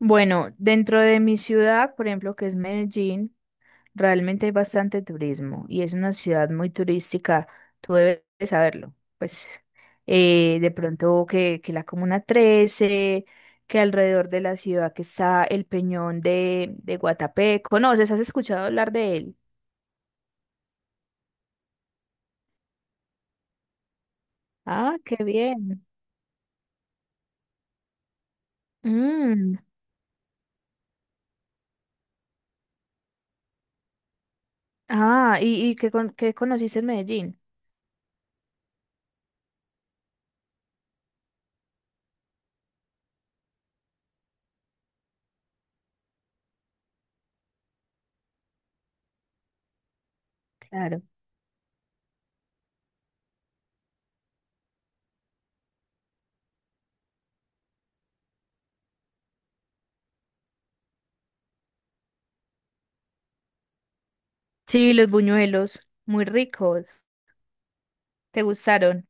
Bueno, dentro de mi ciudad, por ejemplo, que es Medellín, realmente hay bastante turismo y es una ciudad muy turística. Tú debes saberlo. Pues de pronto que la Comuna 13, que alrededor de la ciudad que está el Peñón de Guatapé. ¿Conoces? ¿Has escuchado hablar de él? Ah, qué bien. Mm, Ah, ¿qué conociste en Medellín? Claro. Sí, los buñuelos, muy ricos. ¿Te gustaron?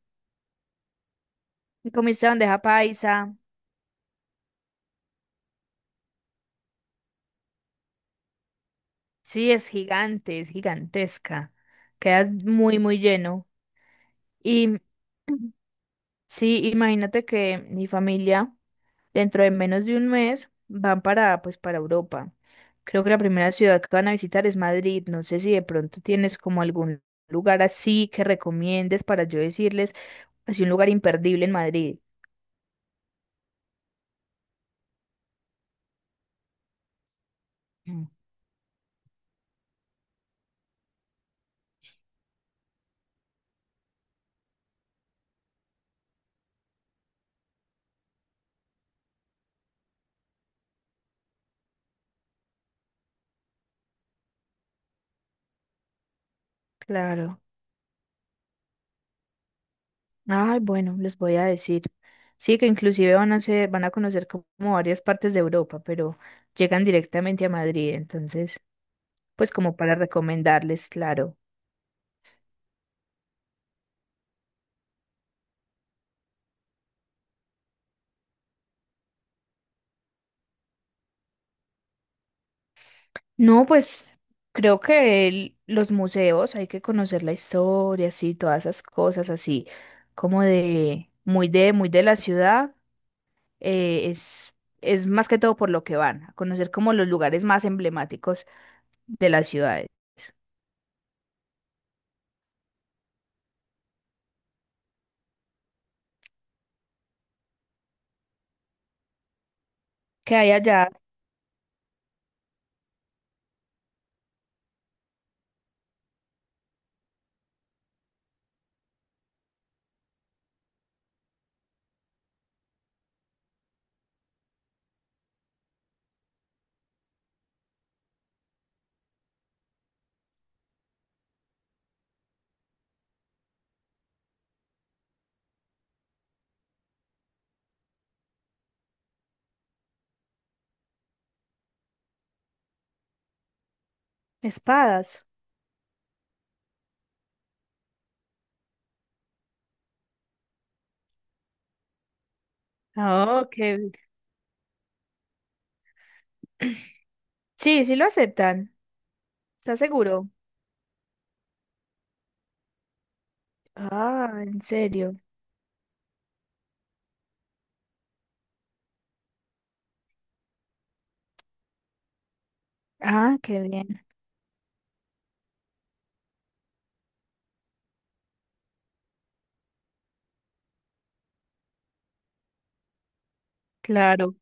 Comiste bandeja paisa. Sí, es gigante, es gigantesca. Quedas muy, muy lleno. Y sí, imagínate que mi familia, dentro de menos de un mes, van para, pues, para Europa. Creo que la primera ciudad que van a visitar es Madrid. No sé si de pronto tienes como algún lugar así que recomiendes para yo decirles, así un lugar imperdible en Madrid. Mm. Claro. Ay, bueno, les voy a decir. Sí, que inclusive van a ser, van a conocer como varias partes de Europa, pero llegan directamente a Madrid, entonces, pues como para recomendarles, claro. No, pues creo que los museos hay que conocer la historia, sí, todas esas cosas así, como de muy de la ciudad, eh, es es más que todo por lo que van a conocer como los lugares más emblemáticos de las ciudades. Que hay allá espadas. Ah, ok. Sí, sí lo aceptan. ¿Estás seguro? Ah, en serio. Ah, qué bien. Claro.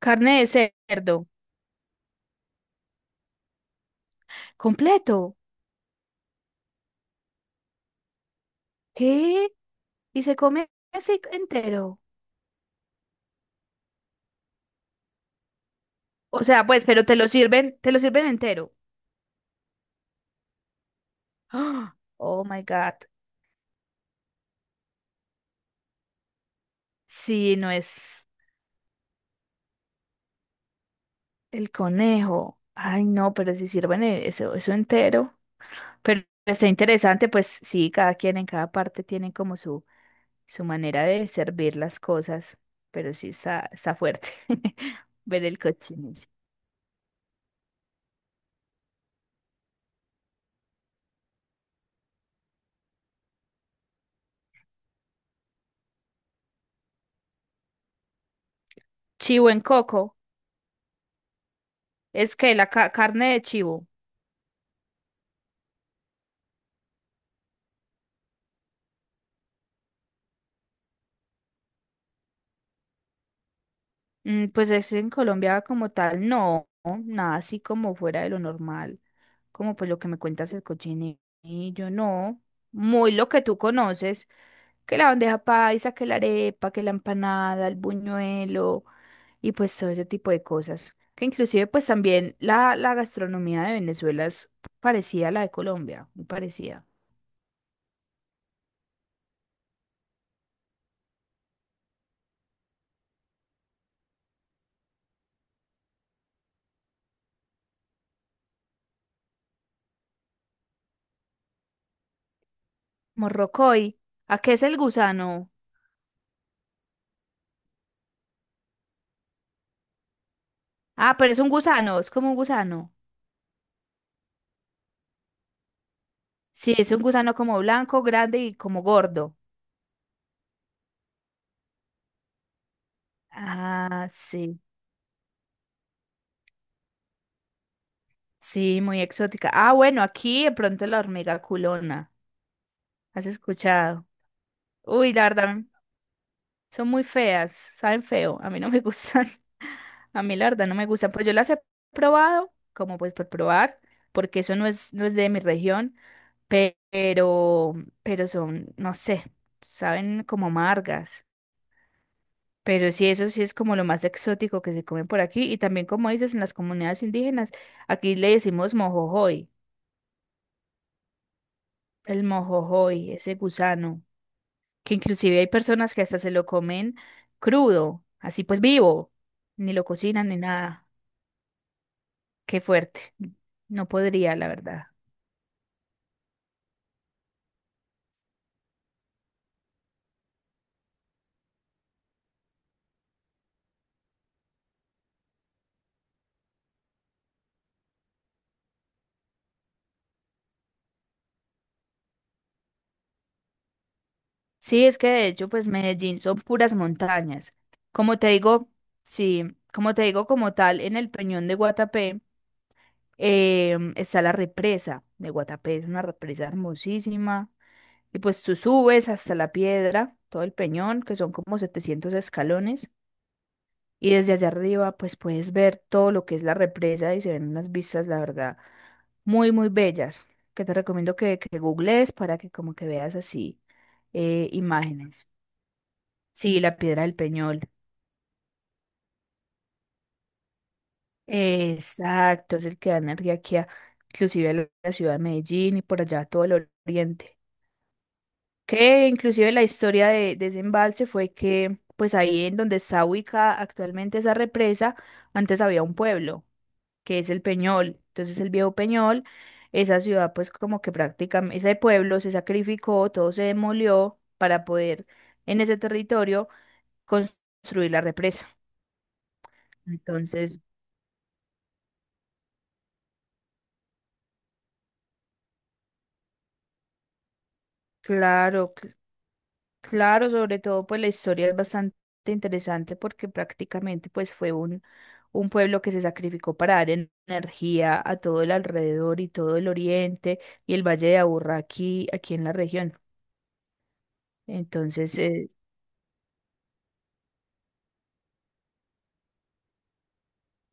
Carne de cerdo. Completo. ¿Qué? ¿Y se come así entero? O sea, pues, pero te lo sirven entero. Ah, Oh, my God. Sí, no es el conejo. Ay, no, pero si sirven eso, eso entero. Pero está interesante, pues sí, cada quien en cada parte tiene como su su manera de servir las cosas, pero sí está, está fuerte ver el cochinillo. Chivo en coco, es que la carne de chivo. Mm, pues es en Colombia como tal, no, no, nada así como fuera de lo normal, como pues lo que me cuentas el cochinillo, no, muy lo que tú conoces, que la bandeja paisa, que la arepa, que la empanada, el buñuelo, y pues todo ese tipo de cosas. Que inclusive pues también la gastronomía de Venezuela es parecida a la de Colombia, muy parecida. Morrocoy, ¿a qué es el gusano? Ah, pero es un gusano, es como un gusano. Sí, es un gusano como blanco, grande y como gordo. Ah, sí, sí, muy exótica. Ah, bueno, aquí de pronto la hormiga culona, ¿has escuchado? Uy, la verdad, son muy feas, saben feo, a mí no me gustan. A mí la verdad no me gusta, pues yo las he probado, como pues por probar, porque eso no es, no es de mi región, pe- pero, pero son, no sé, saben como amargas. Pero sí, eso sí es como lo más exótico que se come por aquí. Y también, como dices, en las comunidades indígenas, aquí le decimos mojojoy, el mojojoy, ese gusano, que inclusive hay personas que hasta se lo comen crudo, así pues vivo, ni lo cocinan ni nada. Qué fuerte. No podría, la verdad. Sí, es que de hecho, pues Medellín son puras montañas. Como te digo, sí, como te digo, como tal, en el Peñón de Guatapé está la represa de Guatapé, es una represa hermosísima. Y pues tú subes hasta la piedra, todo el peñón, que son como 700 escalones, y desde allá arriba, pues puedes ver todo lo que es la represa y se ven unas vistas, la verdad, muy, muy bellas, que te recomiendo que googlees para que como que veas así imágenes. Sí, la piedra del Peñol. Exacto, es el que da energía aquí, a- inclusive a la ciudad de Medellín y por allá a todo el oriente. Que inclusive la historia de ese embalse fue que, pues ahí en donde está ubicada actualmente esa represa, antes había un pueblo, que es el Peñol. Entonces el viejo Peñol, esa ciudad pues como que prácticamente, ese pueblo se sacrificó, todo se demolió para poder en ese territorio construir la represa. Entonces... Claro, claro, sobre todo pues la historia es bastante interesante porque prácticamente pues fue un pueblo que se sacrificó para dar energía a todo el alrededor y todo el oriente y el Valle de Aburrá aquí, aquí en la región. Entonces,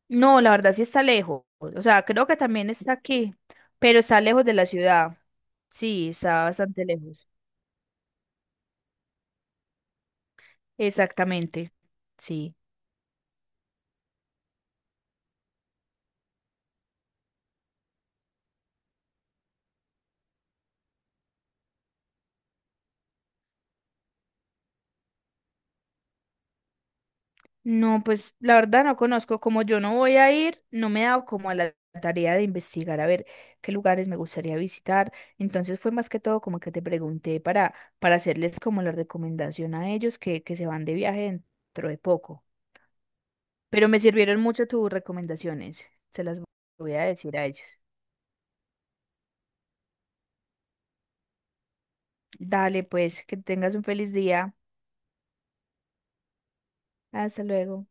no, la verdad sí está lejos. O sea, creo que también está aquí, pero está lejos de la ciudad. Sí, está bastante lejos. Exactamente. Sí. No, pues la verdad no conozco, como yo no voy a ir, no me he dado como a la tarea de investigar a ver qué lugares me gustaría visitar. Entonces fue más que todo como que te pregunté para hacerles como la recomendación a ellos que se van de viaje dentro de poco. Pero me sirvieron mucho tus recomendaciones, se las voy a decir a ellos. Dale, pues, que tengas un feliz día. Hasta luego.